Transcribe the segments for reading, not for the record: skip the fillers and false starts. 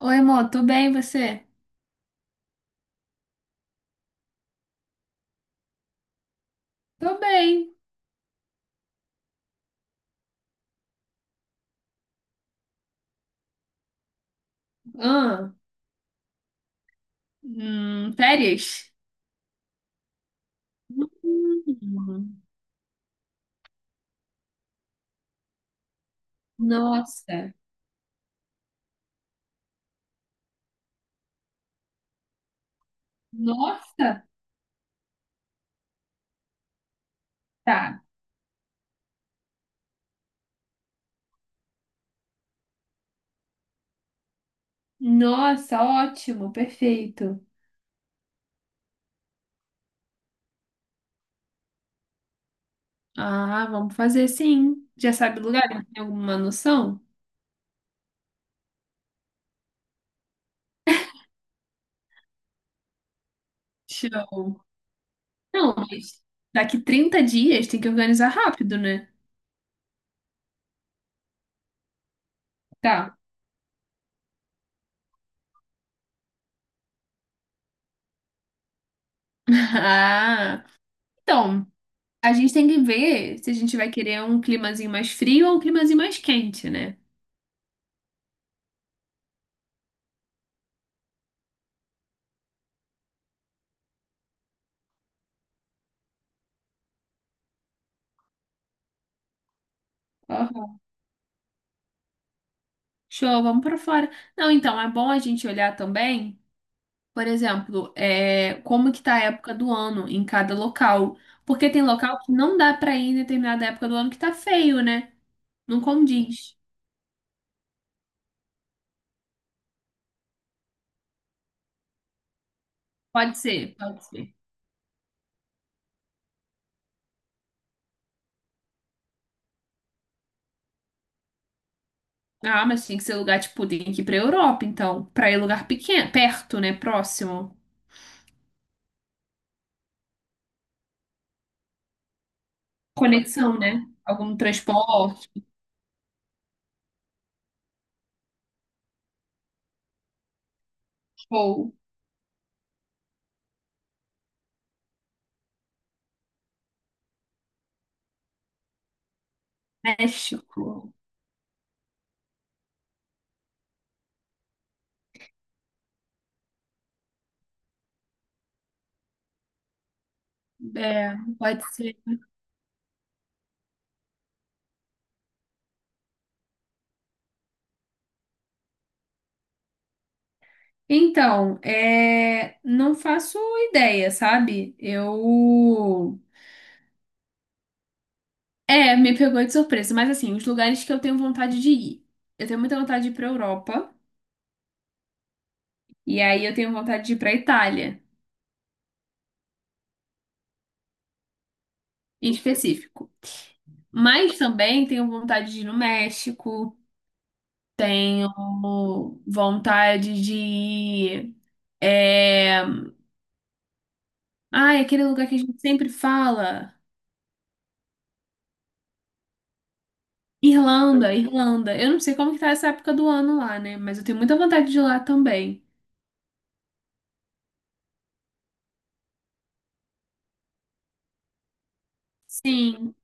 Oi, amor, tudo bem, e você? Tô bem. Ah, hum, férias? Hum, nossa, nossa, tá. Nossa, ótimo, perfeito. Ah, vamos fazer sim. Já sabe o lugar? Tem alguma noção? Show. Não, mas daqui 30 dias tem que organizar rápido, né? Tá. Ah, então, a gente tem que ver se a gente vai querer um climazinho mais frio ou um climazinho mais quente, né? Show, vamos para fora. Não, então, é bom a gente olhar também, por exemplo, é, como que tá a época do ano em cada local. Porque tem local que não dá para ir em determinada época do ano que tá feio, né? Não condiz. Pode ser, pode ser. Ah, mas tem que ser lugar, tipo, tem que ir pra Europa, então. Pra ir lugar pequeno, perto, né? Próximo. Conexão, né? Algum transporte, ou México. É, pode ser. Então, é, não faço ideia, sabe? Eu. É, me pegou de surpresa, mas assim, os lugares que eu tenho vontade de ir. Eu tenho muita vontade de ir pra Europa, e aí eu tenho vontade de ir pra Itália, em específico. Mas também tenho vontade de ir no México, tenho vontade de ir. É... Ai, aquele lugar que a gente sempre fala. Irlanda, Irlanda. Eu não sei como que tá essa época do ano lá, né? Mas eu tenho muita vontade de ir lá também. Sim,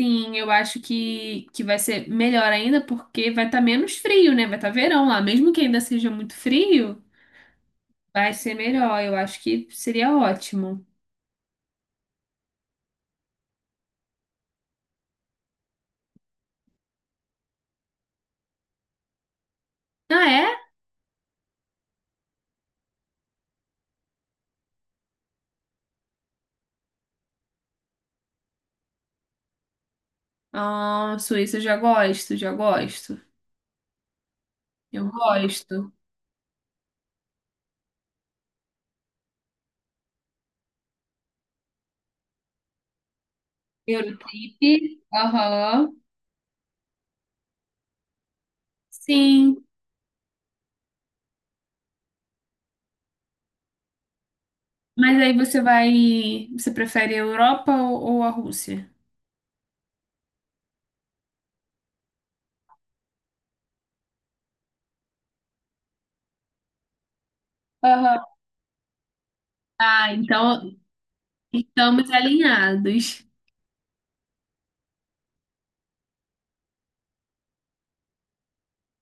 sim, eu acho que vai ser melhor ainda porque vai estar menos frio, né? Vai estar verão lá, mesmo que ainda seja muito frio, vai ser melhor. Eu acho que seria ótimo. Ah, é? Ah, Suíça eu já gosto, já gosto. Eu gosto. Eurotrip. Aham. Sim, mas aí você vai, você prefere a Europa ou, a Rússia? Aham. Ah, então estamos alinhados.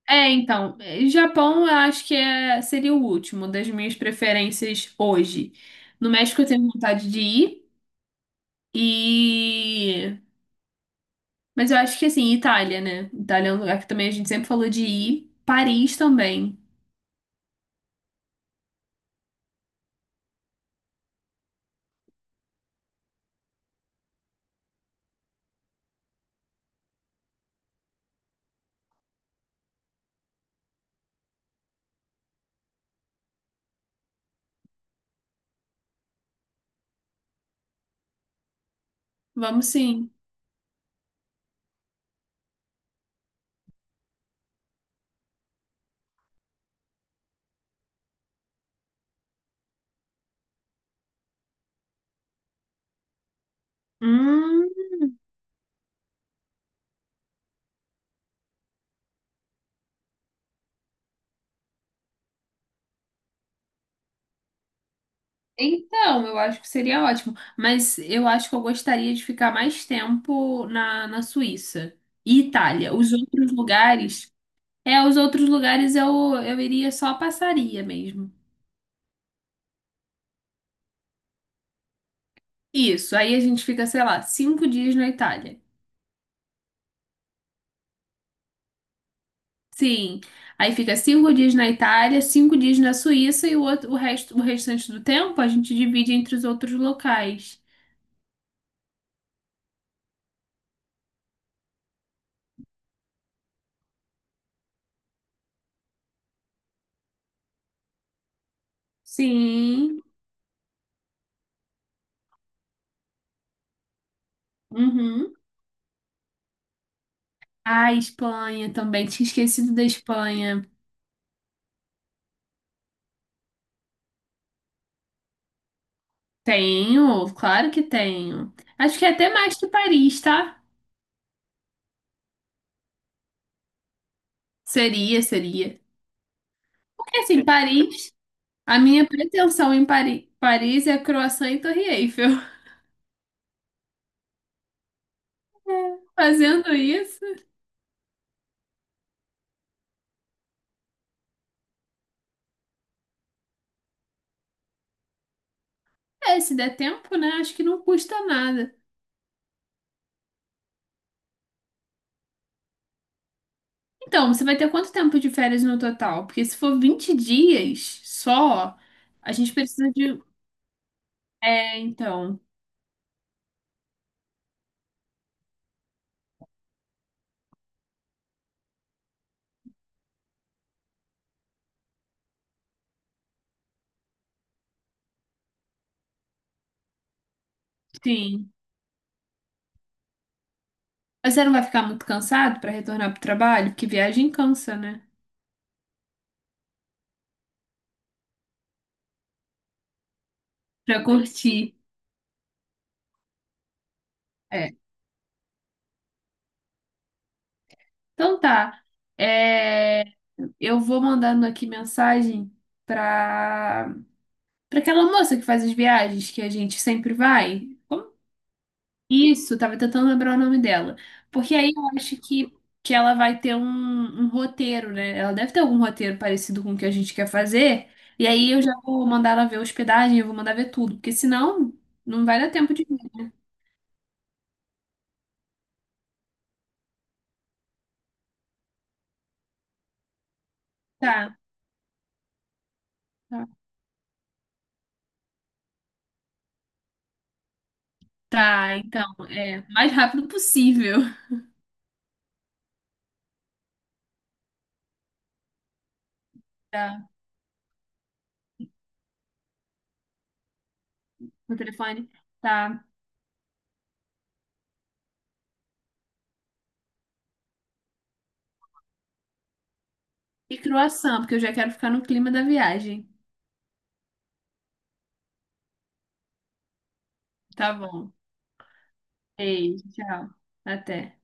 É, então, eh, Japão eu acho que é, seria o último das minhas preferências hoje. No México eu tenho vontade de ir e... Mas eu acho que assim, Itália, né? Itália é um lugar que também a gente sempre falou de ir. Paris também. Vamos sim. Hum, então, eu acho que seria ótimo. Mas eu acho que eu gostaria de ficar mais tempo na, Suíça e Itália. Os outros lugares... É, os outros lugares eu, iria só passaria mesmo. Isso, aí a gente fica, sei lá, 5 dias na Itália. Sim, aí fica 5 dias na Itália, 5 dias na Suíça e o outro, o resto, o restante do tempo a gente divide entre os outros locais. Sim, uhum. Ah, Espanha também, tinha esquecido da Espanha. Tenho, claro que tenho. Acho que é até mais que Paris, tá? Seria, seria. Porque assim, Paris, a minha pretensão em Paris é croissant e Torre Eiffel. Fazendo isso. É, se der tempo, né? Acho que não custa nada. Então, você vai ter quanto tempo de férias no total? Porque se for 20 dias só, a gente precisa de. É, então, sim. Mas você não vai ficar muito cansado para retornar pro trabalho? Porque viagem cansa, né? Pra curtir. É. Então tá. É, eu vou mandando aqui mensagem pra... aquela moça que faz as viagens que a gente sempre vai. Como isso, tava tentando lembrar o nome dela. Porque aí eu acho que, ela vai ter um, roteiro, né? Ela deve ter algum roteiro parecido com o que a gente quer fazer. E aí eu já vou mandar ela ver a hospedagem, eu vou mandar ver tudo. Porque senão não vai dar tempo de vir. Tá, tá, tá, então, é, mais rápido possível. Tá, no telefone. Tá. E croissant, porque eu já quero ficar no clima da viagem. Tá bom. Beijo, tchau. Até.